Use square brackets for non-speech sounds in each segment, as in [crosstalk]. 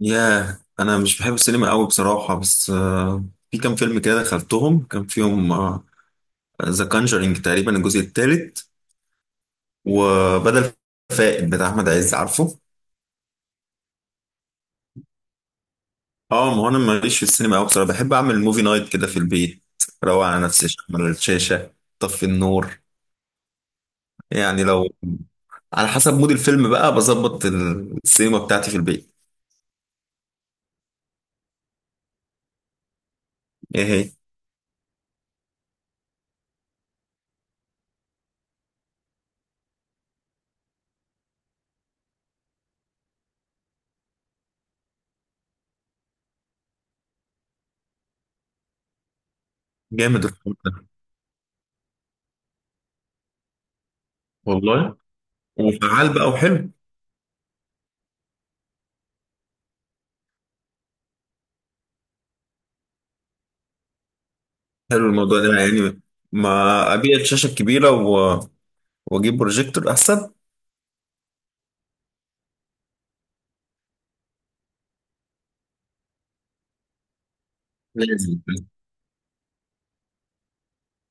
ياه، انا مش بحب السينما قوي بصراحه، بس في كام فيلم كده دخلتهم، كان فيهم ذا كانجرينج تقريبا الجزء الثالث وبدل فائد بتاع احمد عز، عارفه. اه، ما هو انا ماليش في السينما قوي بصراحه، بحب اعمل موفي نايت كده في البيت، روق على نفسي، اشغل الشاشه، طفي النور. يعني لو على حسب مود الفيلم بقى، بظبط السينما بتاعتي في البيت. ايه هي؟ جامد الفيلم ده. والله وفعال بقى وحلو. حلو الموضوع ده، يعني ما ابيع الشاشه الكبيره و... واجيب بروجيكتور احسن. لازم.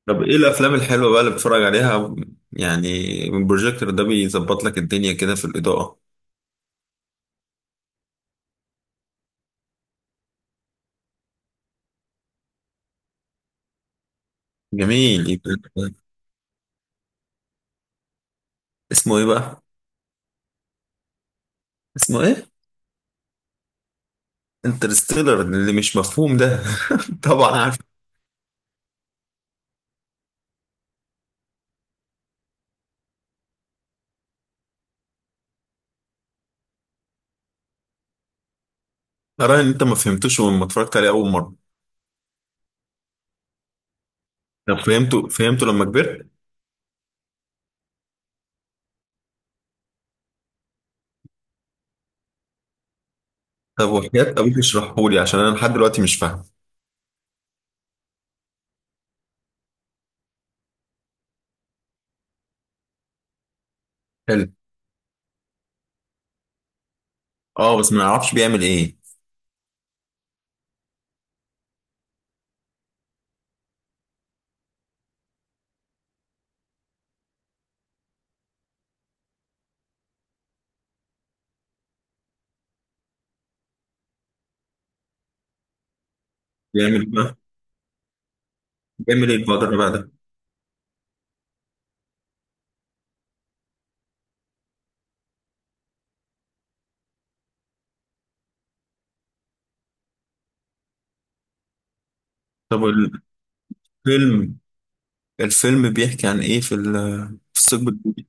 طب ايه الافلام الحلوه بقى اللي بتتفرج عليها؟ يعني البروجيكتور ده بيظبط لك الدنيا كده في الاضاءه. جميل، اسمه ايه بقى؟ اسمه ايه؟ انترستيلر اللي مش مفهوم ده. [laughs] طبعا عارف. ترى ان انت ما فهمتوش لما اتفرجت عليه اول مره؟ طب فهمته لما كبرت؟ طب، وحياة ابوك اشرحه لي، عشان انا لحد دلوقتي مش فاهم. حلو. اه، بس ما اعرفش بيعمل ايه. بيعمل ايه بقى؟ بيعمل ايه البقدر بقى ده؟ طب الفيلم، الفيلم بيحكي عن ايه في في الثقب الجديد؟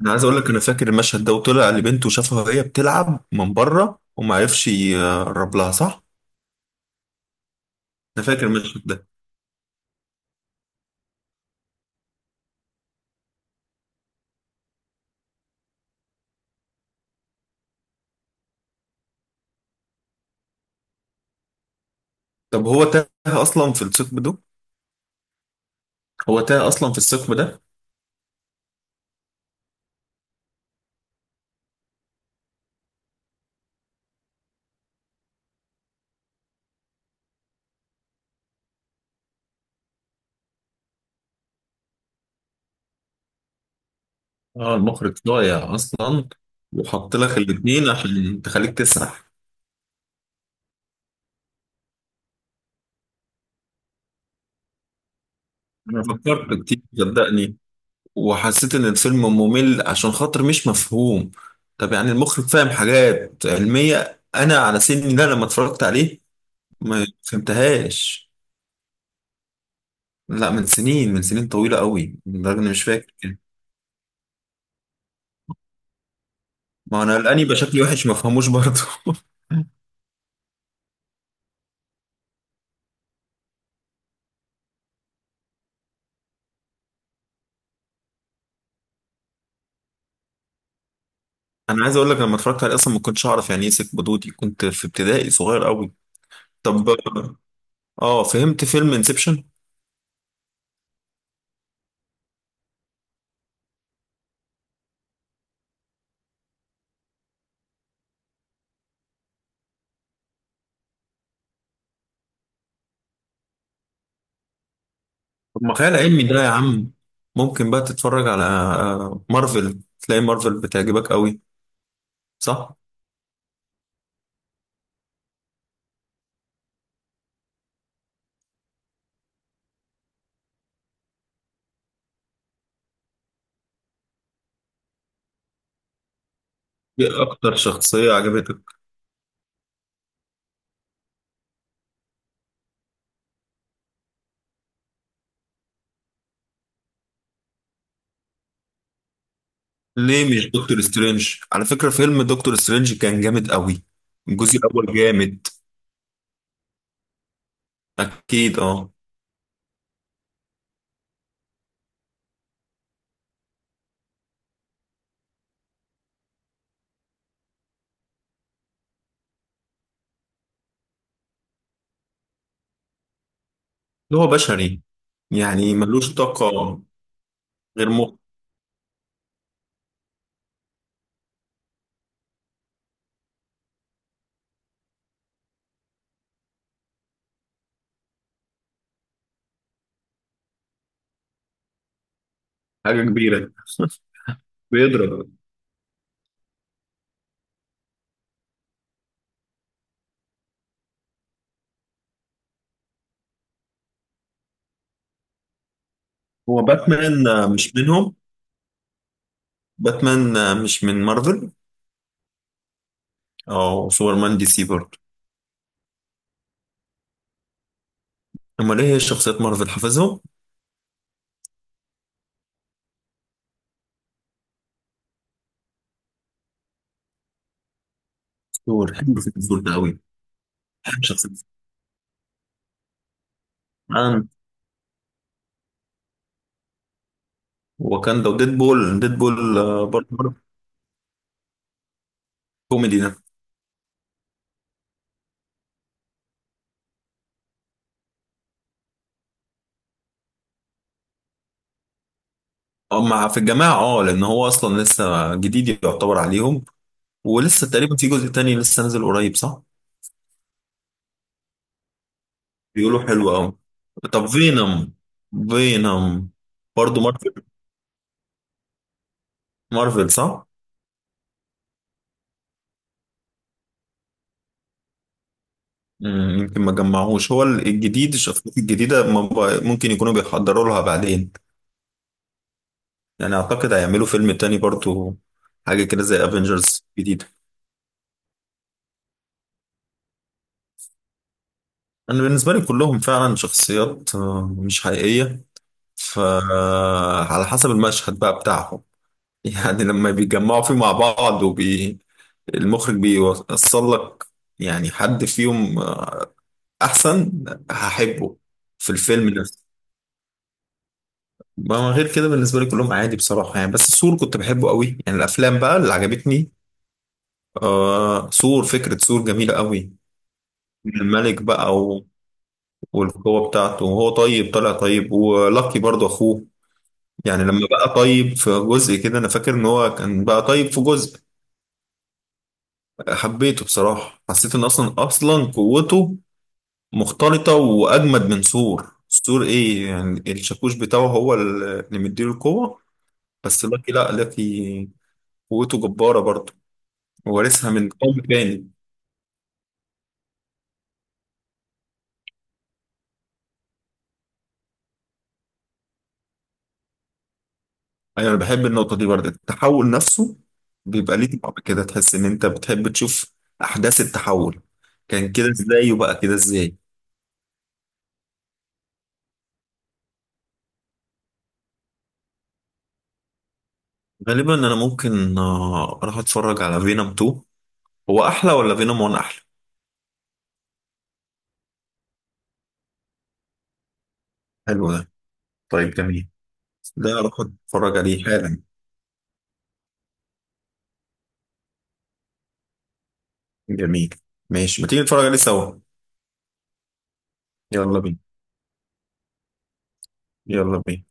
انا عايز اقول لك انا فاكر المشهد ده، وطلع لبنته وشافها وهي بتلعب من بره وما عرفش يقرب لها، صح؟ انا فاكر المشهد ده. طب هو تاه اصلا في الثقب ده؟ هو تاه اصلا في الثقب ده؟ اه، المخرج ضايع اصلا، وحط لك الاثنين عشان تخليك تسرح. انا فكرت كتير صدقني، وحسيت ان الفيلم ممل عشان خاطر مش مفهوم. طب يعني المخرج فاهم حاجات علمية، انا على سني ده لما اتفرجت عليه ما فهمتهاش. لا، من سنين، من سنين طويلة قوي، لدرجة اني مش فاكر كده. ما انا الاني يبقى شكلي وحش ما فهموش برضه. [laughs] انا عايز اقول لك لما اتفرجت عليه اصلا ما كنتش اعرف يعني ايه سيف بدودي، كنت في ابتدائي صغير قوي. طب اه، فهمت فيلم انسبشن؟ طب ما خيال علمي ده يا عم، ممكن بقى تتفرج على مارفل، تلاقي مارفل بتعجبك قوي. صح. ايه اكتر شخصية عجبتك؟ ليه مش دكتور سترينج؟ على فكرة فيلم دكتور سترينج كان جامد قوي. الجزء الاول جامد. اكيد، اه. إن هو بشري يعني ملوش طاقة. غير مخ. حاجة كبيرة. [laughs] بيضرب. هو باتمان مش منهم؟ باتمان مش من مارفل؟ او سوبرمان دي سي برضه. امال ايه هي شخصيات مارفل حافظهم؟ دكتور حلو في الدور ده قوي. بحب شخصية سوبرمان، واكاندا، وديدبول. ديدبول برضه برضه كوميدي. اه، مع في الجماعة، اه، لأن هو أصلا لسه جديد يعتبر عليهم. ولسه تقريبا في جزء تاني لسه نازل قريب، صح؟ بيقولوا حلو أوي. طب فينوم؟ فينوم برضه مارفل، مارفل صح؟ مم، يمكن ما جمعوش هو الجديد، الشخصيات الجديدة ما ب- ممكن يكونوا بيحضروا لها بعدين. يعني أعتقد هيعملوا فيلم تاني برضه، حاجة كده زي افنجرز جديدة. أنا بالنسبة لي كلهم فعلا شخصيات مش حقيقية. فعلى حسب المشهد بقى بتاعهم، يعني لما بيتجمعوا فيه مع بعض وبي، المخرج بيوصل لك يعني حد فيهم احسن هحبه في الفيلم نفسه. ما غير كده بالنسبه لي كلهم عادي بصراحه، يعني بس سور كنت بحبه قوي، يعني الافلام بقى اللي عجبتني. آه، سور، فكره سور جميله قوي. الملك بقى و... والقوه بتاعته، وهو طيب، طلع طيب، ولاكي برضه اخوه. يعني لما بقى طيب في جزء كده، انا فاكر ان هو كان بقى طيب في جزء، حبيته بصراحة، حسيت ان اصلا اصلا قوته مختلطة واجمد من سور. سور ايه يعني؟ الشاكوش بتاعه هو اللي مديله القوة. بس لاكي، لا، لاكي قوته جبارة برضه، وورثها من قوم تاني. ايوه، انا بحب النقطة دي برضه، التحول نفسه بيبقى ليه طعم كده، تحس ان انت بتحب تشوف احداث التحول، كان كده ازاي وبقى كده ازاي. غالبا انا ممكن اروح اتفرج على فينوم 2. هو احلى ولا فينوم 1 احلى؟ حلو ده؟ طيب جميل، ده اروح اتفرج عليه حالا. جميل. ماشي، ما تيجي نتفرج عليه سوا. يلا بينا. يلا بينا.